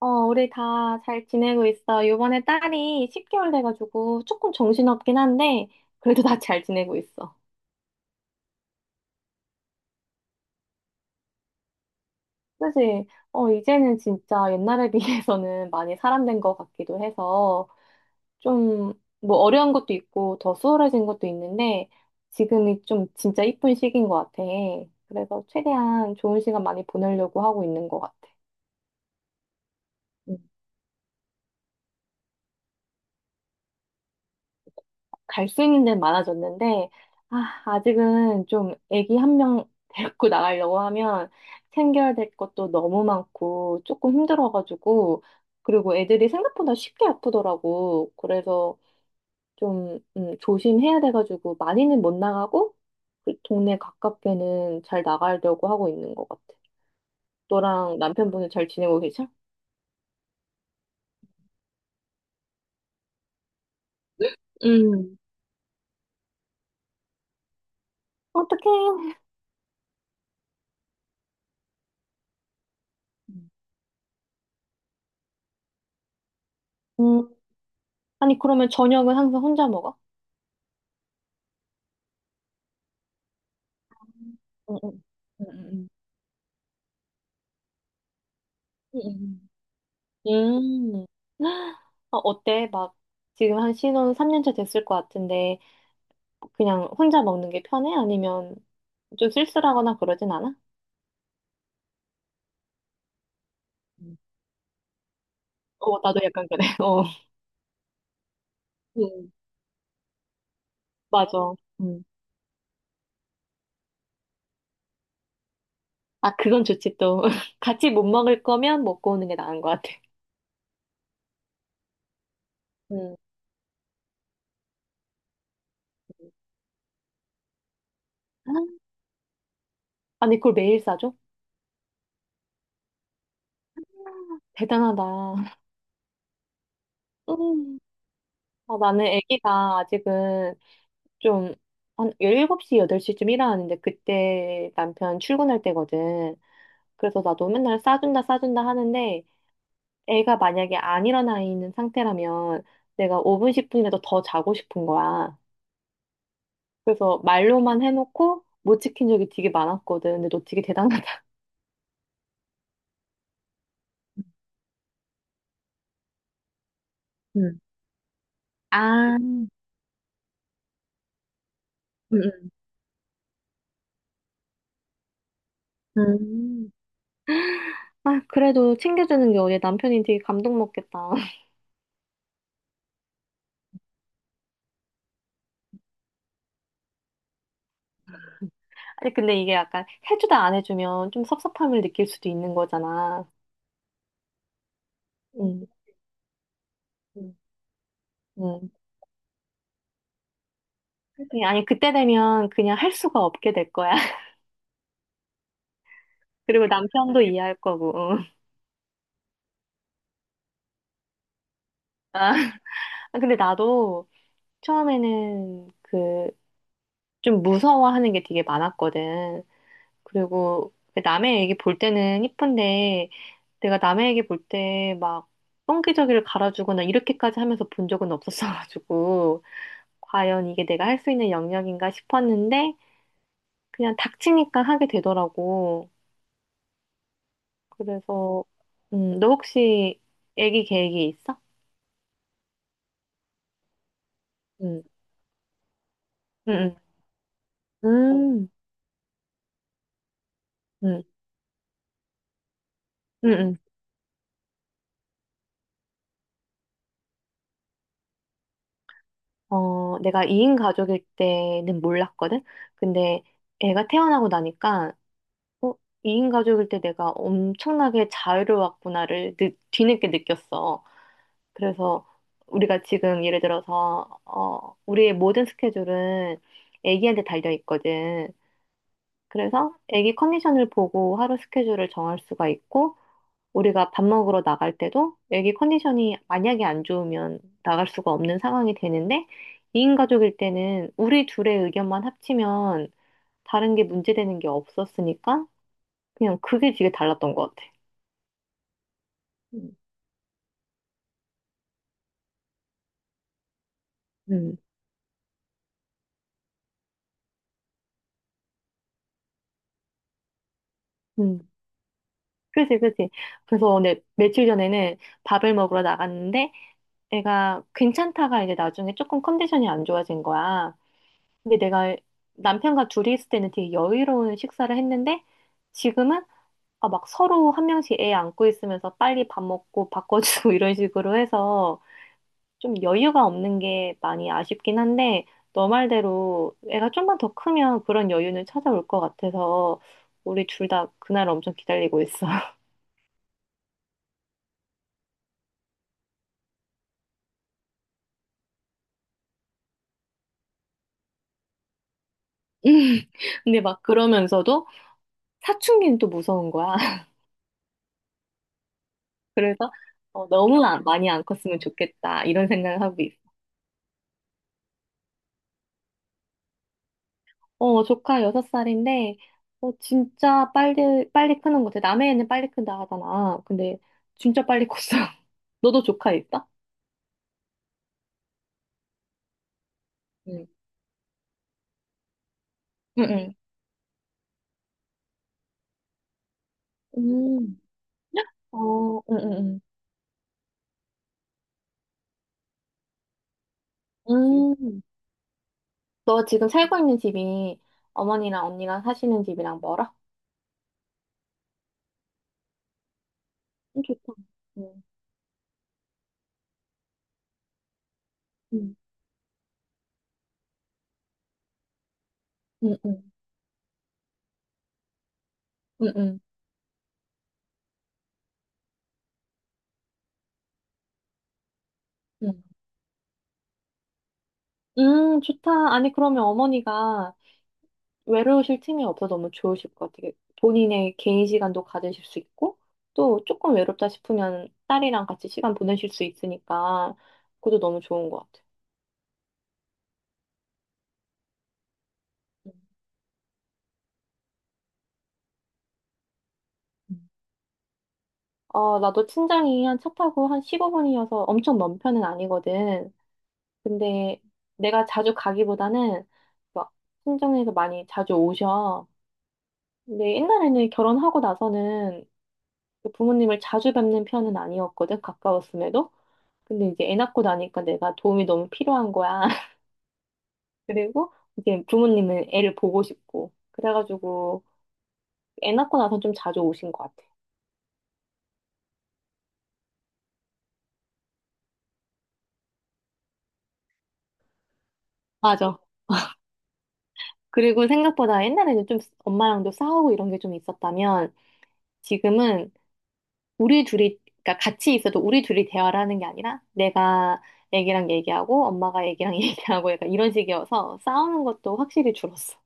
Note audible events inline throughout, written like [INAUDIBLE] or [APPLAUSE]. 어, 우리 다 잘 지내고 있어. 요번에 딸이 10개월 돼가지고 조금 정신없긴 한데, 그래도 다 잘 지내고 있어. 사실, 어, 이제는 진짜 옛날에 비해서는 많이 사람 된 것 같기도 해서, 좀, 뭐, 어려운 것도 있고, 더 수월해진 것도 있는데, 지금이 좀 진짜 이쁜 시기인 것 같아. 그래서 최대한 좋은 시간 많이 보내려고 하고 있는 것 같아. 갈 수 있는 데는 많아졌는데, 아, 아직은 좀 애기 한 명 [LAUGHS] 데리고 나가려고 하면 챙겨야 될 것도 너무 많고 조금 힘들어가지고, 그리고 애들이 생각보다 쉽게 아프더라고. 그래서 좀 조심해야 돼가지고 많이는 못 나가고, 그 동네 가깝게는 잘 나가려고 하고 있는 것 같아. 너랑 남편분은 잘 지내고 계셔? 음. 어떡해. 음. 음, 아니, 그러면 저녁은 항상 혼자 먹어? 응, 응. 응, 응, 응. 음. 음. 어, 어때? 막 지금 한 신혼 3년차 됐을 것 같은데 그냥 혼자 먹는 게 편해? 아니면 좀 쓸쓸하거나 그러진 않아? 음. 어, 나도 약간 그래. [LAUGHS] 어. 음. 맞아. 음. 아, 그건 좋지 또. [LAUGHS] 같이 못 먹을 거면 먹고 오는 게 나은 것 같아. 음. 아니, 그걸 매일 싸줘? 대단하다. 음. 아, 나는 아기가 아직은 좀, 한일7시 8시쯤 일어나는데, 그때 남편 출근할 때거든. 그래서 나도 맨날 싸준다, 싸준다 하는데, 애가 만약에 안 일어나 있는 상태라면, 내가 5분, 10분이라도 더 자고 싶은 거야. 그래서 말로만 해놓고, 못 지킨 적이 되게 많았거든. 근데 너 되게 대단하다. 응. 아, 응. 응. 음. 아, 그래도 챙겨주는 게 우리 남편이 되게 감동 먹겠다. [LAUGHS] 아니, 근데 이게 약간 해주다 안 해주면 좀 섭섭함을 느낄 수도 있는 거잖아. 응. 음. 그냥, 아니, 그때 되면 그냥 할 수가 없게 될 거야. [LAUGHS] 그리고 남편도 이해할 거고. 아, 근데 나도 처음에는 그 좀 무서워하는 게 되게 많았거든. 그리고 그 남의 얘기 볼 때는 이쁜데 내가 남의 얘기 볼 때 막 똥기저귀를 갈아주거나 이렇게까지 하면서 본 적은 없었어가지고 과연 이게 내가 할 수 있는 영역인가 싶었는데 그냥 닥치니까 하게 되더라고. 그래서, 너 혹시 애기 계획이 있어? 응, 응, 응, 응, 응, 응. 어, 내가 2인 가족일 때는 몰랐거든? 근데 애가 태어나고 나니까, 어, 2인 가족일 때 내가 엄청나게 자유로웠구나를 뒤늦게 느꼈어. 그래서 우리가 지금 예를 들어서, 어, 우리의 모든 스케줄은 애기한테 달려 있거든. 그래서 애기 컨디션을 보고 하루 스케줄을 정할 수가 있고, 우리가 밥 먹으러 나갈 때도 애기 컨디션이 만약에 안 좋으면 나갈 수가 없는 상황이 되는데 2인 가족일 때는 우리 둘의 의견만 합치면 다른 게 문제되는 게 없었으니까 그냥 그게 되게 달랐던 것 같아. 음, 음, 음. 그지, 그지. 그래서 내 며칠 전에는 밥을 먹으러 나갔는데 애가 괜찮다가 이제 나중에 조금 컨디션이 안 좋아진 거야. 근데 내가 남편과 둘이 있을 때는 되게 여유로운 식사를 했는데 지금은 아, 막 서로 한 명씩 애 안고 있으면서 빨리 밥 먹고 바꿔주고 [LAUGHS] 이런 식으로 해서 좀 여유가 없는 게 많이 아쉽긴 한데 너 말대로 애가 좀만 더 크면 그런 여유는 찾아올 것 같아서 우리 둘 다 그날 엄청 기다리고 있어. [LAUGHS] 근데 막 그러면서도 사춘기는 또 무서운 거야. [LAUGHS] 그래서 어, 너무 많이 안 컸으면 좋겠다 이런 생각을 하고 있어. 어, 조카 6살인데, 어, 진짜 빨리, 빨리 크는 것 같아. 남의 애는 빨리 큰다 하잖아. 근데 진짜 빨리 컸어. [LAUGHS] 너도 조카 있어? 응, 응, 응. 음. 어, 응, 응, 응. 음. 너 지금 살고 있는 집이 어머니랑 언니랑 사시는 집이랑 멀어? 좋다. 응, 응, 응, 응, 응, 응. 응. 좋다. 아니, 그러면 어머니가 외로우실 틈이 없어 너무 좋으실 것 같아요. 본인의 개인 시간도 가지실 수 있고, 또 조금 외롭다 싶으면 딸이랑 같이 시간 보내실 수 있으니까, 그것도 너무 좋은 것 같아요. 음. 어, 나도 친정이 한 차 타고 한 15분이어서 엄청 먼 편은 아니거든. 근데 내가 자주 가기보다는 막 친정에서 많이 자주 오셔. 근데 옛날에는 결혼하고 나서는 그 부모님을 자주 뵙는 편은 아니었거든, 가까웠음에도. 근데 이제 애 낳고 나니까 내가 도움이 너무 필요한 거야. [LAUGHS] 그리고 이제 부모님은 애를 보고 싶고. 그래가지고 애 낳고 나서 좀 자주 오신 것 같아. 맞아. 그리고 생각보다 옛날에는 좀 엄마랑도 싸우고 이런 게 좀 있었다면 지금은 우리 둘이, 그러니까 같이 있어도 우리 둘이 대화를 하는 게 아니라 내가 애기랑 얘기하고 엄마가 애기랑 [LAUGHS] 얘기하고 약간 이런 식이어서 싸우는 것도 확실히 줄었어.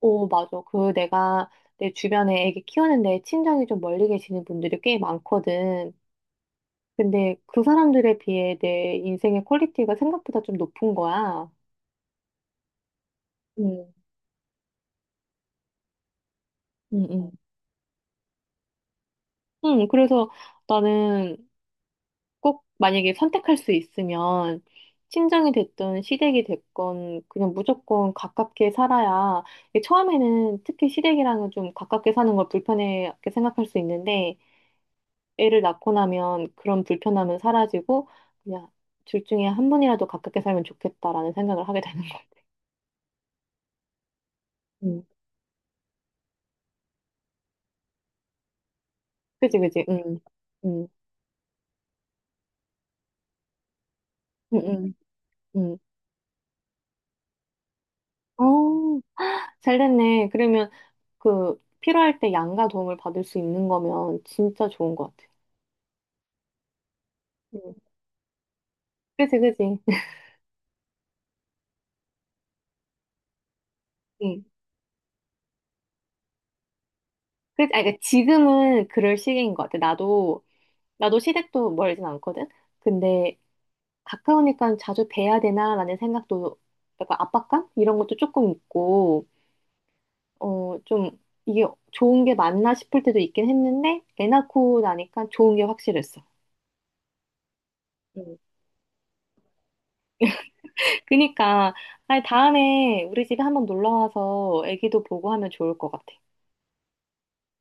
오, 맞아. 그 내가 내 주변에 애기 키우는데 친정이 좀 멀리 계시는 분들이 꽤 많거든. 근데 그 사람들에 비해 내 인생의 퀄리티가 생각보다 좀 높은 거야. 음, 응, 응. 응, 그래서 나는 꼭 만약에 선택할 수 있으면 친정이 됐든 시댁이 됐건 그냥 무조건 가깝게 살아야 이게 처음에는 특히 시댁이랑은 좀 가깝게 사는 걸 불편하게 생각할 수 있는데 애를 낳고 나면 그런 불편함은 사라지고 그냥 둘 중에 한 분이라도 가깝게 살면 좋겠다라는 생각을 하게 되는 것 같아. 음. 그지, 그지, 응, 응. 응, 응, 응. 어, 잘 됐네. 그러면 그 필요할 때 양가 도움을 받을 수 있는 거면 진짜 좋은 것 같아. 응. 그지, 그지. 응. 그지. 아, 그러니까 지금은 그럴 시기인 것 같아. 나도, 나도 시댁도 멀진 않거든? 근데 가까우니까 자주 뵈야 되나라는 생각도 약간 압박감? 이런 것도 조금 있고, 어, 좀 이게 좋은 게 맞나 싶을 때도 있긴 했는데, 애 낳고 나니까 좋은 게 확실했어. 그니까, 아니, 다음에 우리 집에 한번 놀러 와서 애기도 보고 하면 좋을 것 같아.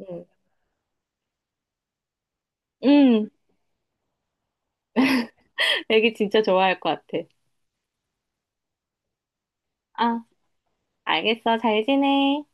응. 응, 애기 진짜 좋아할 것 같아. 아, 알겠어. 잘 지내.